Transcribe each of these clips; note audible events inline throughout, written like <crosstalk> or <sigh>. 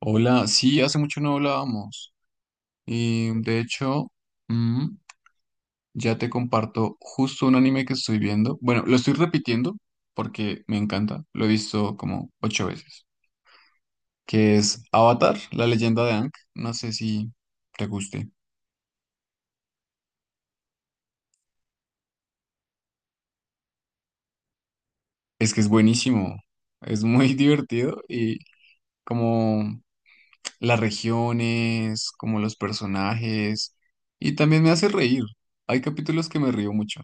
Hola, sí, hace mucho no hablábamos. Y de hecho, mm, ya te comparto justo un anime que estoy viendo. Bueno, lo estoy repitiendo porque me encanta. Lo he visto como ocho veces. Que es Avatar, la leyenda de Aang. No sé si te guste. Es que es buenísimo. Es muy <laughs> divertido y como las regiones, como los personajes. Y también me hace reír. Hay capítulos que me río mucho.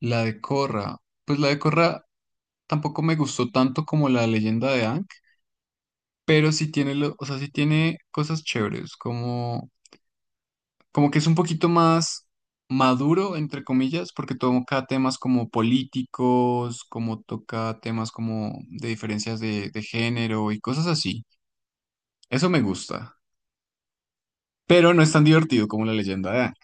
La de Korra. Pues la de Korra tampoco me gustó tanto como la leyenda de Aang, pero sí tiene, o sea, sí tiene cosas chéveres, como, como que es un poquito más maduro, entre comillas, porque toca temas como políticos, como toca temas como de diferencias de género y cosas así. Eso me gusta, pero no es tan divertido como la leyenda de Aang.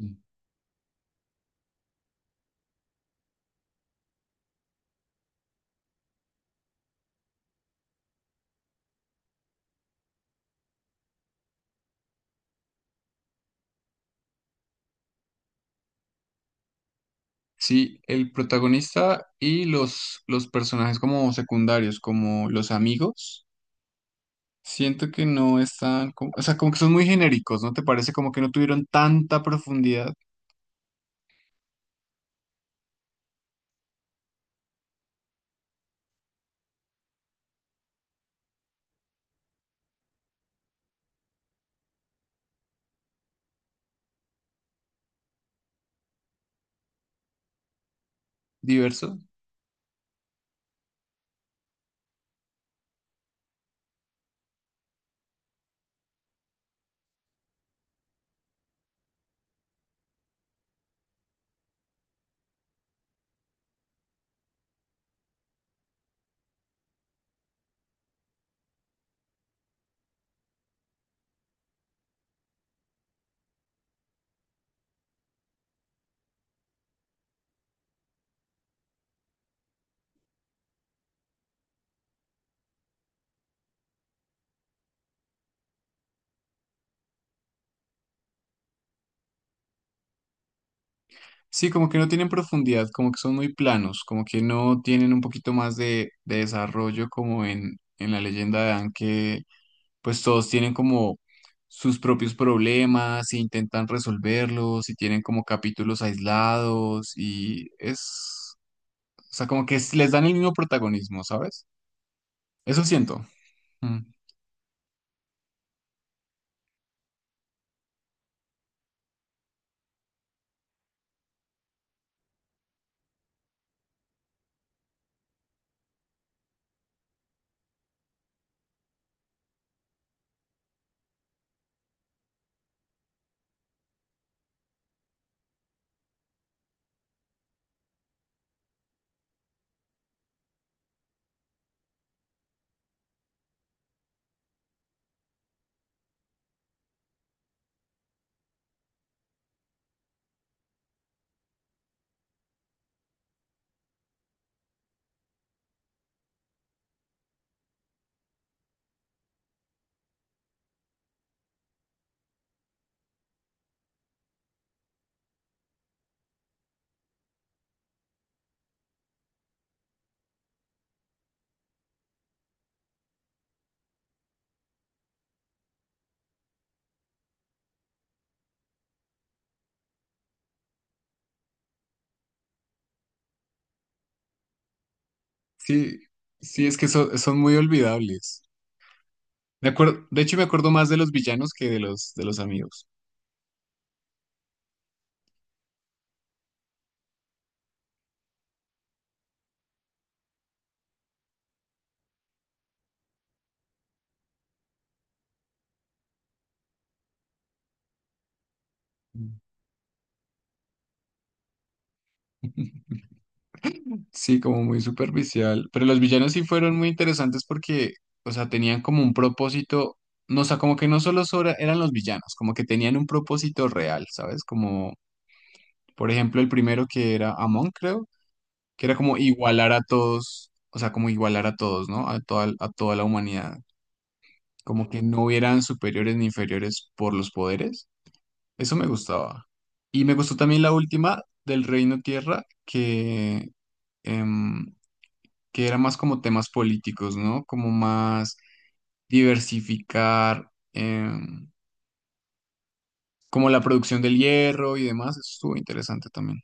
Mm. Sí, el protagonista y los personajes como secundarios, como los amigos. Siento que no están, o sea, como que son muy genéricos, ¿no te parece? Como que no tuvieron tanta profundidad, diverso. Sí, como que no tienen profundidad, como que son muy planos, como que no tienen un poquito más de desarrollo como en la leyenda de Anne, que pues todos tienen como sus propios problemas e intentan resolverlos y tienen como capítulos aislados y es, o sea, como que les dan el mismo protagonismo, ¿sabes? Eso siento. Mm. Sí, sí, es que son, son muy olvidables. Me acuerdo, de hecho, me acuerdo más de los villanos que de de los amigos. <laughs> Sí, como muy superficial. Pero los villanos sí fueron muy interesantes porque, o sea, tenían como un propósito, no, o sea, como que no solo eran los villanos, como que tenían un propósito real, ¿sabes? Como, por ejemplo, el primero que era Amon, creo, que era como igualar a todos, o sea, como igualar a todos, ¿no? A toda la humanidad. Como que no hubieran superiores ni inferiores por los poderes. Eso me gustaba. Y me gustó también la última del Reino Tierra, que... em, que era más como temas políticos, ¿no? Como más diversificar como la producción del hierro y demás. Eso estuvo interesante también.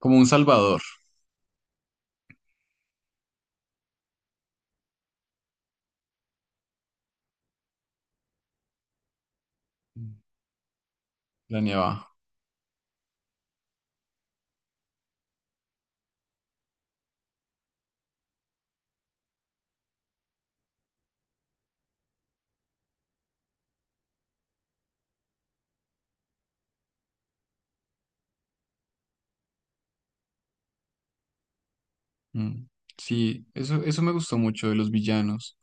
Como un salvador, planeaba. Mm. Sí, eso me gustó mucho de los villanos.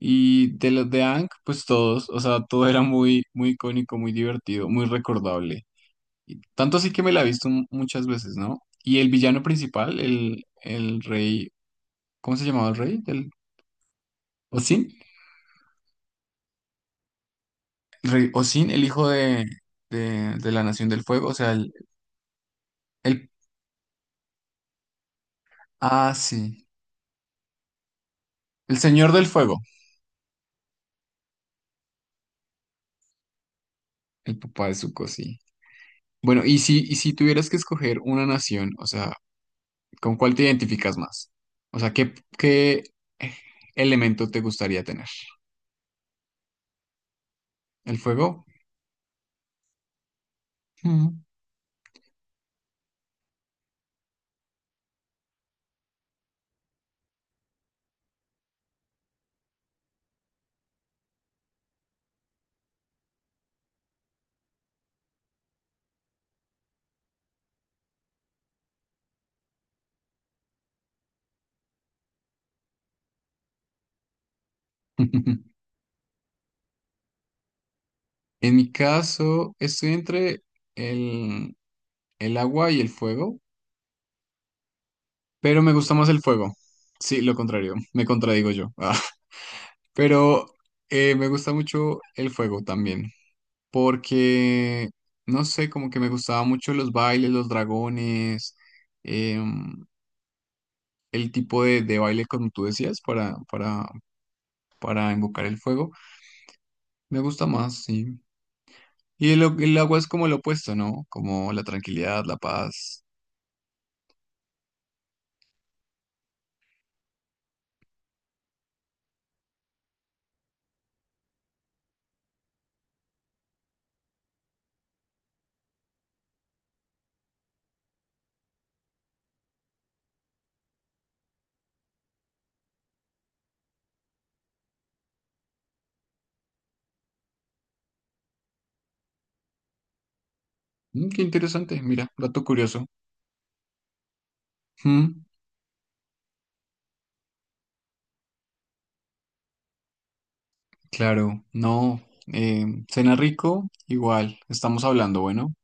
Y de los de Ank, pues todos, o sea, todo era muy, muy icónico, muy divertido, muy recordable. Y tanto así que me la he visto muchas veces, ¿no? Y el villano principal, el rey, ¿cómo se llamaba el rey? ¿El Oisin? Rey Osin, el hijo de la Nación del Fuego, o sea, el- Ah, sí. El Señor del Fuego, el papá de Zuko, sí. Bueno, y si tuvieras que escoger una nación, o sea, ¿con cuál te identificas más? O sea, ¿qué, qué elemento te gustaría tener? ¿El fuego? Mm. <laughs> En mi caso, estoy entre el, el agua y el fuego, pero me gusta más el fuego. Sí, lo contrario, me contradigo yo. <laughs> Pero me gusta mucho el fuego también, porque, no sé, como que me gustaba mucho los bailes, los dragones, em, el tipo de baile como tú decías para invocar el fuego. Me gusta más, sí. Y el, el agua es como lo opuesto, ¿no? Como la tranquilidad, la paz. Mm, qué interesante, mira, dato curioso. Mm, claro, no. Cena rico, igual, estamos hablando, bueno.